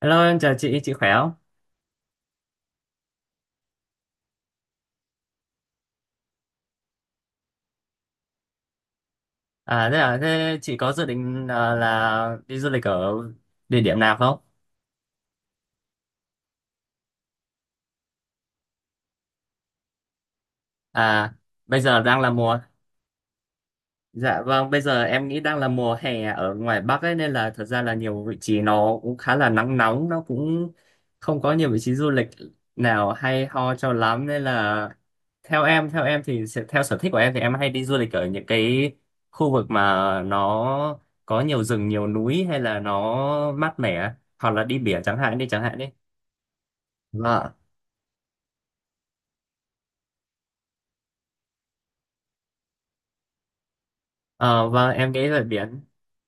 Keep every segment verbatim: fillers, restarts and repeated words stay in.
Hello, em chào chị, chị khỏe không? À, thế là thế chị có dự định à, là đi du lịch ở địa điểm nào không? À, bây giờ đang là mùa Dạ vâng, bây giờ em nghĩ đang là mùa hè ở ngoài Bắc ấy, nên là thật ra là nhiều vị trí nó cũng khá là nắng nóng, nó cũng không có nhiều vị trí du lịch nào hay ho cho lắm, nên là theo em, theo em thì sẽ- theo sở thích của em thì em hay đi du lịch ở những cái khu vực mà nó có nhiều rừng, nhiều núi, hay là nó mát mẻ, hoặc là đi biển chẳng hạn đi chẳng hạn đi. Vâng. Ờ, vâng, em nghĩ về biển.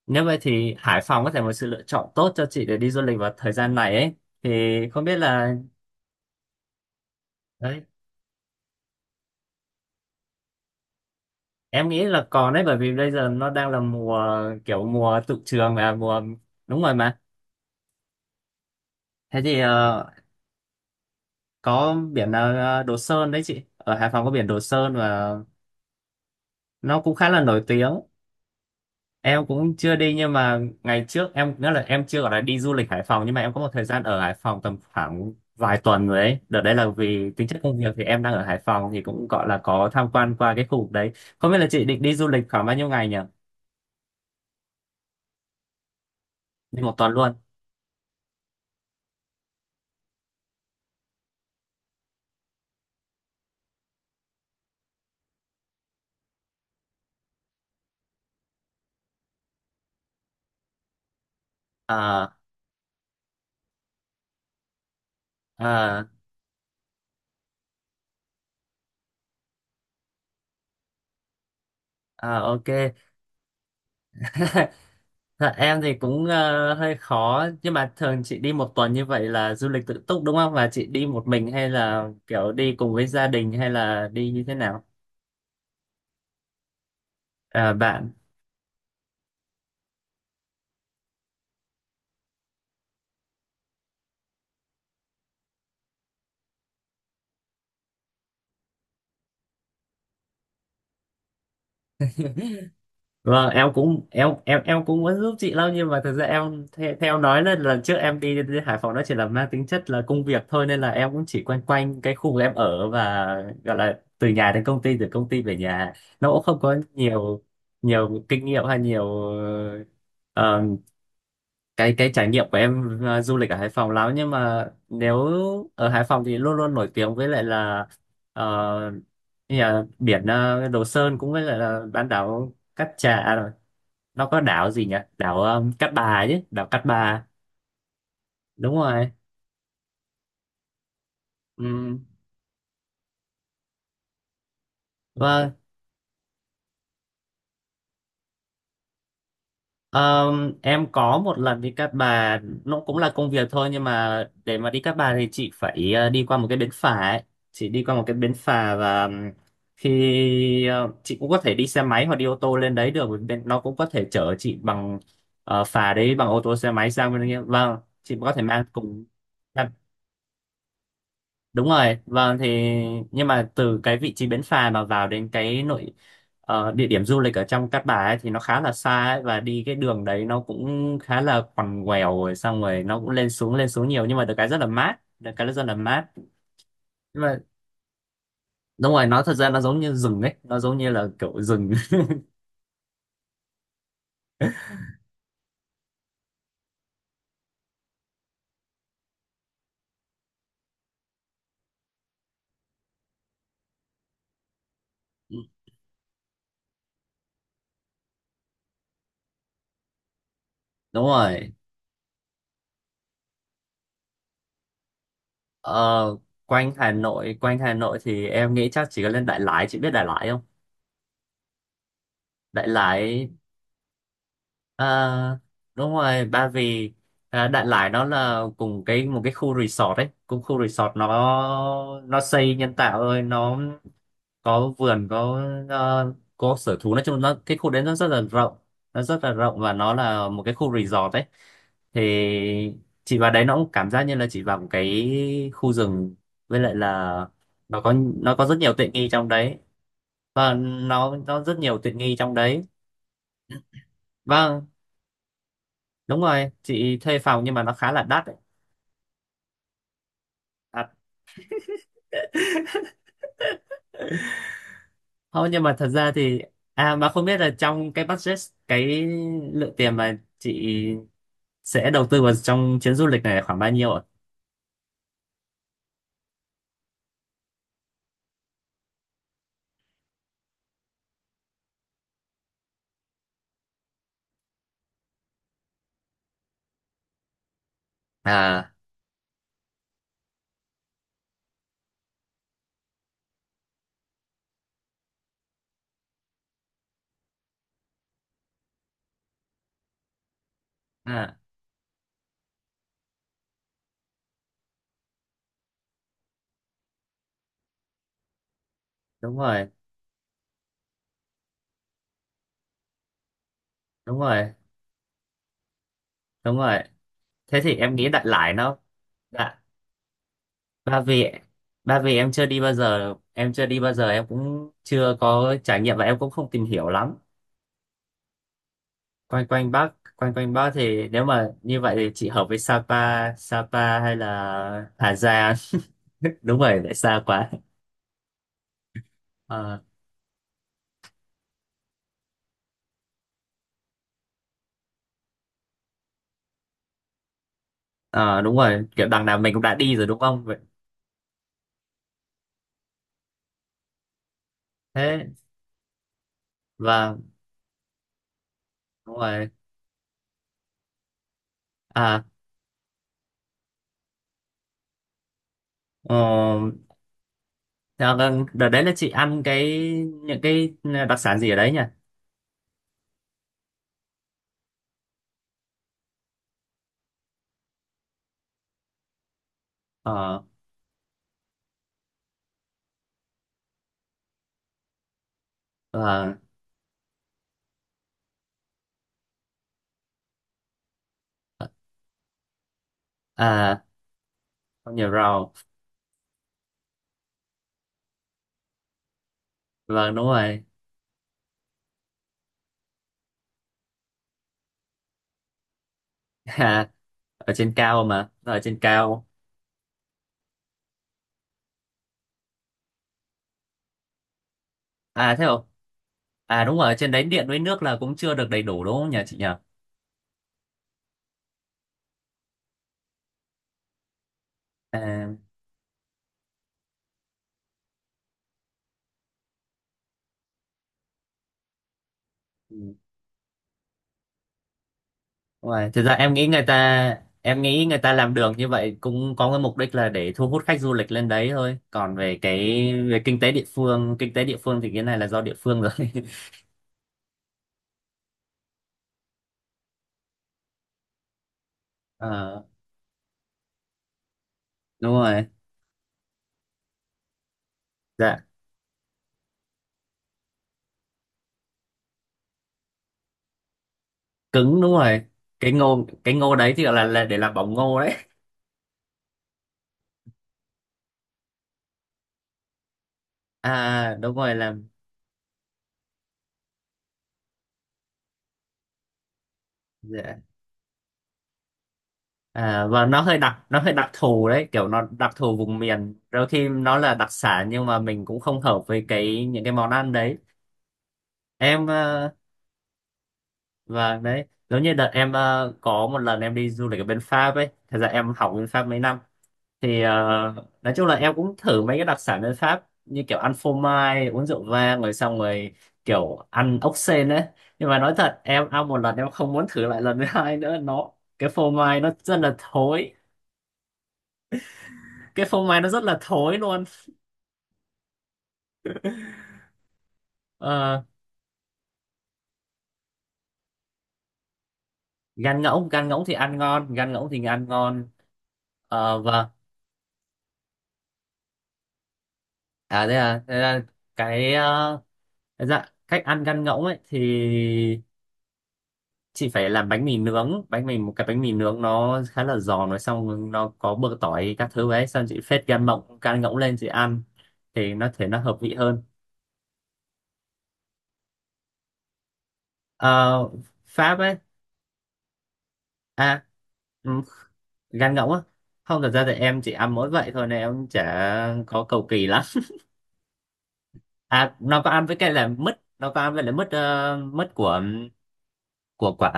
Nếu vậy thì Hải Phòng có thể một sự lựa chọn tốt cho chị để đi du lịch vào thời gian này ấy. Thì không biết là đấy, em nghĩ là còn đấy, bởi vì bây giờ nó đang là mùa, kiểu mùa tụ trường và mùa, đúng rồi mà. Thế thì ờ, có biển là Đồ Sơn đấy chị. Ở Hải Phòng có biển Đồ Sơn và nó cũng khá là nổi tiếng. Em cũng chưa đi, nhưng mà ngày trước em nghĩa là em chưa gọi là đi du lịch Hải Phòng, nhưng mà em có một thời gian ở Hải Phòng tầm khoảng vài tuần rồi ấy. Đợt đấy là vì tính chất công việc, thì em đang ở Hải Phòng thì cũng gọi là có tham quan qua cái khu vực đấy. Không biết là chị định đi du lịch khoảng bao nhiêu ngày nhỉ? Đi một tuần luôn à? À, à, ok. Dạ, em thì cũng ờ, hơi khó, nhưng mà thường chị đi một tuần như vậy là du lịch tự túc đúng không, và chị đi một mình hay là kiểu đi cùng với gia đình hay là đi như thế nào? À, bạn. Vâng, em cũng em em em cũng muốn giúp chị lắm, nhưng mà thực ra em theo, theo em nói là lần trước em đi, đến Hải Phòng nó chỉ là mang tính chất là công việc thôi, nên là em cũng chỉ quanh quanh cái khu vực em ở, và gọi là từ nhà đến công ty, từ công ty về nhà, nó cũng không có nhiều, nhiều kinh nghiệm hay nhiều ờ, cái cái trải nghiệm của em ờ, du lịch ở Hải Phòng lắm, nhưng mà nếu ở Hải Phòng thì luôn luôn nổi tiếng với lại là, ờ, như là biển ờ, Đồ Sơn, cũng với lại là bán đảo Cát Trà, nó có đảo gì nhỉ, đảo um, Cát Bà, chứ đảo Cát Bà, đúng rồi. Ừ. Vâng. Ờm, em có một lần đi Cát Bà, nó cũng là công việc thôi, nhưng mà để mà đi Cát Bà thì chị phải ờ, đi qua một cái bến phà ấy. Chị đi qua một cái bến phà và ừm, khi ờ, chị cũng có thể đi xe máy hoặc đi ô tô lên đấy được, bởi vì Bên- nó cũng có thể chở chị bằng ờ, phà đấy, bằng ô tô, xe máy sang bên kia, vâng. Chị có thể mang cùng. Đúng rồi, vâng, thì nhưng mà từ cái vị trí bến phà mà vào đến cái nội, ờ, địa điểm du lịch ở trong Cát Bà ấy, thì nó khá là xa ấy, và đi cái đường đấy nó cũng khá là quằn quèo, rồi xong rồi nó cũng lên xuống lên xuống nhiều, nhưng mà được cái rất là mát, được cái rất là mát. Nhưng mà đúng rồi, nó thật ra nó giống như rừng ấy, nó giống như là kiểu rừng. Đúng rồi. Ờ, quanh Hà Nội, quanh Hà Nội thì em nghĩ chắc chỉ có lên Đại Lải, chị biết Đại Lải không? Đại Lải. À, đúng rồi Ba Vì. à, Đại Lải nó là cùng cái một cái khu resort ấy, cùng khu resort. nó nó xây nhân tạo thôi, nó có vườn, có ờ, có sở thú, nói chung nó cái khu đấy nó rất là rộng, nó rất là rộng và nó là một cái khu resort ấy. Thì chị vào đấy nó cũng cảm giác như là chị vào một cái khu rừng, với lại là nó có, nó có rất nhiều tiện nghi trong đấy, và nó nó rất nhiều tiện nghi trong đấy. Vâng, đúng rồi, chị thuê phòng, nhưng mà nó khá là đắt đấy. À, thôi nhưng mà thật ra thì, à mà không biết là trong cái budget, cái lượng tiền mà chị sẽ đầu tư vào trong chuyến du lịch này là khoảng bao nhiêu ạ? À, à, đúng rồi, đúng rồi, đúng rồi. Thế thì em nghĩ đại loại nó. Dạ. Ba vì ba vì em chưa đi bao giờ, em chưa đi bao giờ, em cũng chưa có trải nghiệm và em cũng không tìm hiểu lắm. Quanh quanh Bắc quanh quanh Bắc thì nếu mà như vậy thì chị hợp với Sapa, Sapa hay là Hà Giang. Đúng rồi, lại xa quá. Ờ, ờ, đúng rồi, kiểu đằng nào mình cũng đã đi rồi đúng không vậy. Thế và đúng rồi, à, ờ, theo vâng, đợt đấy là chị ăn cái những cái ờ, đặc sản gì ở đấy nhỉ? Ờ. Và à, không nhiều rau. Vâng, đúng rồi. À, ở trên cao mà, ở trên cao. À thế không, à đúng rồi ở trên đấy điện với nước là cũng chưa được đầy đủ đúng không nhỉ, chị nhỉ? À, ừ. Đúng rồi. Thực ra em nghĩ người ta, em nghĩ người ta làm đường như vậy cũng có cái mục đích là để thu hút khách du lịch lên đấy thôi. Còn về cái, về kinh tế địa phương, kinh tế địa phương thì cái này là do địa phương rồi. Ờ, đúng rồi. Dạ, cứng đúng rồi. Cái ngô cái ngô đấy thì gọi là, là để làm bỏng ngô đấy. À đúng rồi làm. Dạ. À, và nó hơi đặc, nó hơi đặc thù đấy, kiểu nó đặc thù vùng miền. Đôi khi nó là đặc sản nhưng mà mình cũng không hợp với cái những cái món ăn đấy. Em ờ, và đấy giống như đợt em ờ, có một lần em đi du lịch ở bên Pháp ấy, thật ra em học bên Pháp mấy năm. thì ờ, nói chung là em cũng thử mấy cái đặc sản bên Pháp, như kiểu ăn phô mai, uống rượu vang, rồi xong rồi kiểu ăn ốc sên ấy, nhưng mà nói thật em ăn một lần em không muốn thử lại lần thứ hai nữa. Nó, cái phô mai nó rất là thối cái phô mai nó rất là thối luôn. Ờ, gan ngỗng gan ngỗng thì ăn ngon, gan ngỗng thì ăn ngon. Ờ, vâng. À thế à, thế là cái ờ, Dạ, cách ăn gan ngỗng ấy thì chị phải làm bánh mì nướng, bánh mì một cái bánh mì nướng nó khá là giòn, rồi xong nó có bơ tỏi các thứ ấy, xong chị phết gan mộng gan ngỗng lên chị ăn thì nó thể nó hợp vị hơn. Ờ, Pháp ấy, à ừ, gan ngỗng á, không thật ra thì em chỉ ăn mỗi vậy thôi nên em chả có cầu kỳ lắm. À nó có ăn với cái là mứt, nó có ăn với lại mứt ờ, mứt của của quả,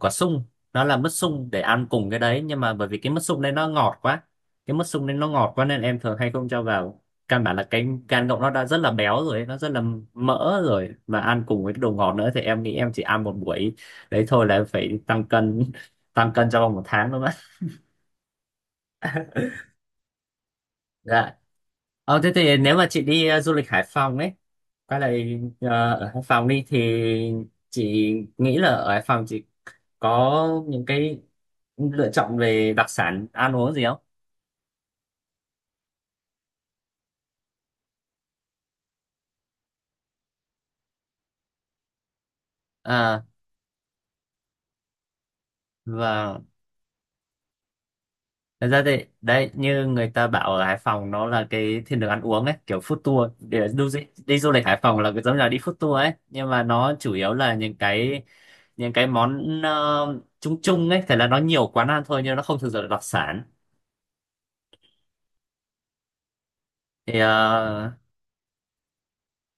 quả sung, nó là mứt sung để ăn cùng cái đấy. Nhưng mà bởi vì cái mứt sung đấy nó ngọt quá cái mứt sung đấy nó ngọt quá nên em thường hay không cho vào. Căn bản là cái gan ngỗng nó đã rất là béo rồi ấy, nó rất là mỡ rồi, mà ăn cùng với cái đồ ngọt nữa thì em nghĩ em chỉ ăn một buổi đấy thôi là em phải tăng cân, tăng cân trong vòng một tháng thôi mà. Dạ. Ờ, thế thì nếu mà chị đi ờ, du lịch Hải Phòng ấy, quay lại ờ, ở Hải Phòng đi, thì chị nghĩ là ở Hải Phòng chị có những cái lựa chọn về đặc sản ăn uống gì không? À, và thật ra thì đấy, như người ta bảo ở Hải Phòng nó là cái thiên đường ăn uống ấy, kiểu food tour, để du di- đi du lịch Hải Phòng là giống như là đi food tour ấy, nhưng mà nó chủ yếu là những cái, những cái món ờ, chung chung ấy, thế là nó nhiều quán ăn thôi nhưng nó không thực sự là đặc sản. thì ờ,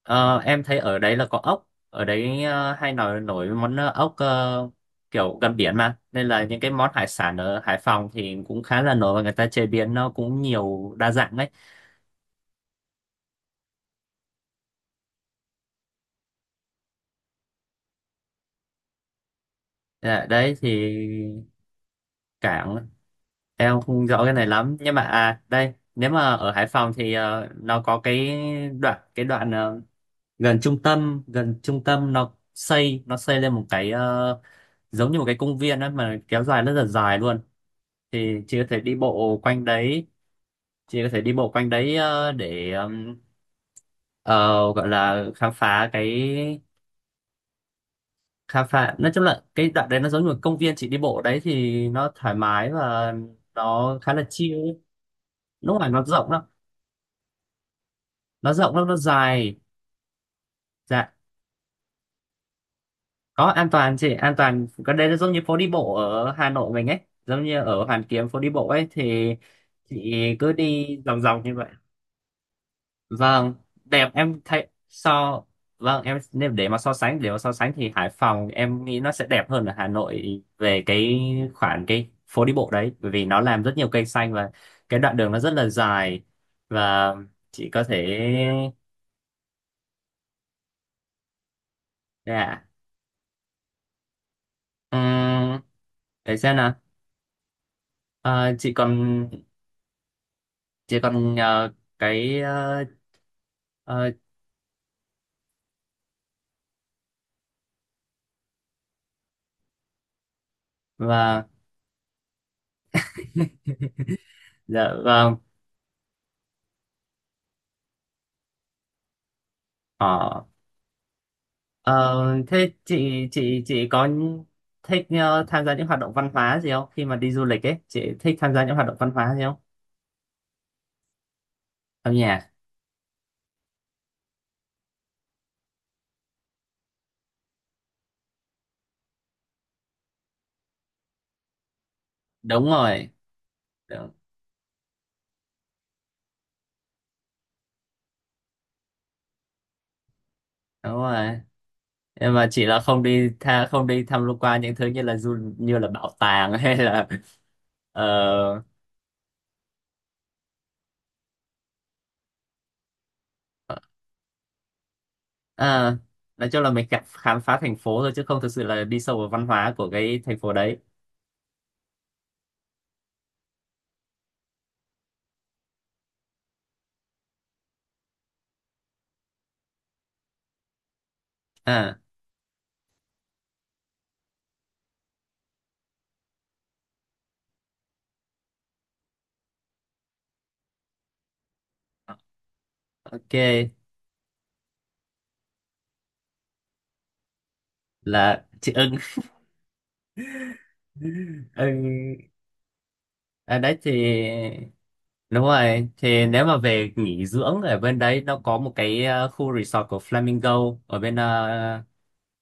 Ờ, em thấy ở đấy là có ốc ở đấy, ờ, hay nổi nổi món ờ, ốc, ờ, kiểu gần biển mà, nên là những cái món hải sản ở Hải Phòng thì cũng khá là nổi và người ta chế biến nó cũng nhiều đa dạng đấy. Dạ, đấy thì cảng em không rõ cái này lắm, nhưng mà à đây nếu mà ở Hải Phòng thì ờ, nó có cái đoạn cái đoạn ờ, gần trung tâm gần trung tâm, nó xây nó xây lên một cái, ờ, giống như một cái công viên ấy mà kéo dài rất là dài luôn, thì chị có thể đi bộ quanh đấy. Chị có thể đi bộ quanh đấy ờ, để ừm, ờ, gọi là khám phá cái khám phá, nói chung là cái đoạn đấy nó giống như một công viên, chị đi bộ ở đấy thì nó thoải mái và nó khá là chill ấy. Lúc mà nó rộng lắm, nó rộng lắm nó dài. Dạ, có an toàn chị, an toàn. Cái đấy nó giống như phố đi bộ ở Hà Nội mình ấy, giống như ở Hoàn Kiếm phố đi bộ ấy, thì chị cứ đi vòng vòng như vậy. Vâng, đẹp em thấy so, vâng em nếu để mà so sánh để mà so sánh thì Hải Phòng em nghĩ nó sẽ đẹp hơn ở Hà Nội về cái khoản cái phố đi bộ đấy, bởi vì nó làm rất nhiều cây xanh và cái đoạn đường nó rất là dài, và chị có thể. Dạ. um, để xem nào. Ờ, chị còn, chị còn nhờ cái, ờ, ờ, và dạ vâng. Ờ, Ờ, thế chị chị chị có thích ờ, tham gia những hoạt động văn hóa gì không? Khi mà đi du lịch ấy, chị thích tham gia những hoạt động văn hóa gì không? Âm nhạc. Đúng rồi. Đúng, đúng rồi. Nhưng mà chỉ là không đi tha, không đi tham quan những thứ như là du như là bảo tàng hay là ờ, à, nói chung là mình cảm khám phá thành phố thôi, chứ không thực sự là đi sâu vào văn hóa của cái thành phố đấy. À, ok là chị ưng. Ưng. À, đấy thì đúng rồi, thì nếu mà về nghỉ dưỡng ở bên đấy, nó có một cái, ờ, khu resort của Flamingo ở bên, ờ,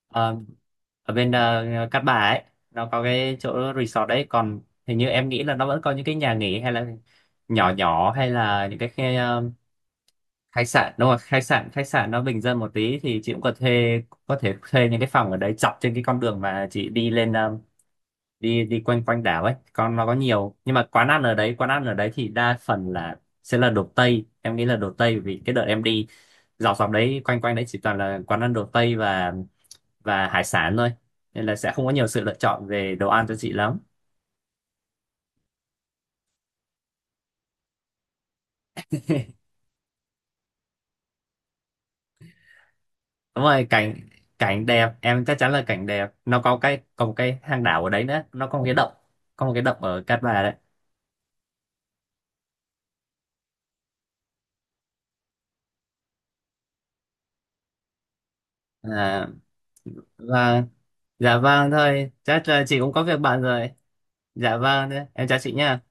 ờ, ở bên, ờ, Cát Bà ấy, nó có cái chỗ resort đấy. Còn hình như em nghĩ là nó vẫn có những cái nhà nghỉ hay là nhỏ nhỏ, hay là những cái khe- ờ, khách sạn, đúng rồi khách sạn, khách sạn nó bình dân một tí, thì chị cũng có thuê có thể thuê những cái phòng ở đấy dọc trên cái con đường mà chị đi lên ờ, đi đi quanh quanh đảo ấy, con nó có nhiều, nhưng mà quán ăn ở đấy quán ăn ở đấy thì đa phần là sẽ là đồ Tây, em nghĩ là đồ Tây, vì cái đợt em đi dọc dọc đấy quanh quanh đấy chỉ toàn là quán ăn đồ Tây và và hải sản thôi, nên là sẽ không có nhiều sự lựa chọn về đồ ăn cho chị lắm. Đúng rồi cảnh, cảnh đẹp, em chắc chắn là cảnh đẹp. Nó có cái, có một cái hang đảo ở đấy nữa, nó có một cái động, có một cái động ở Cát Bà đấy. À, và dạ vâng, thôi chắc là chị cũng có việc bận rồi. Dạ vâng, em chào chị nha.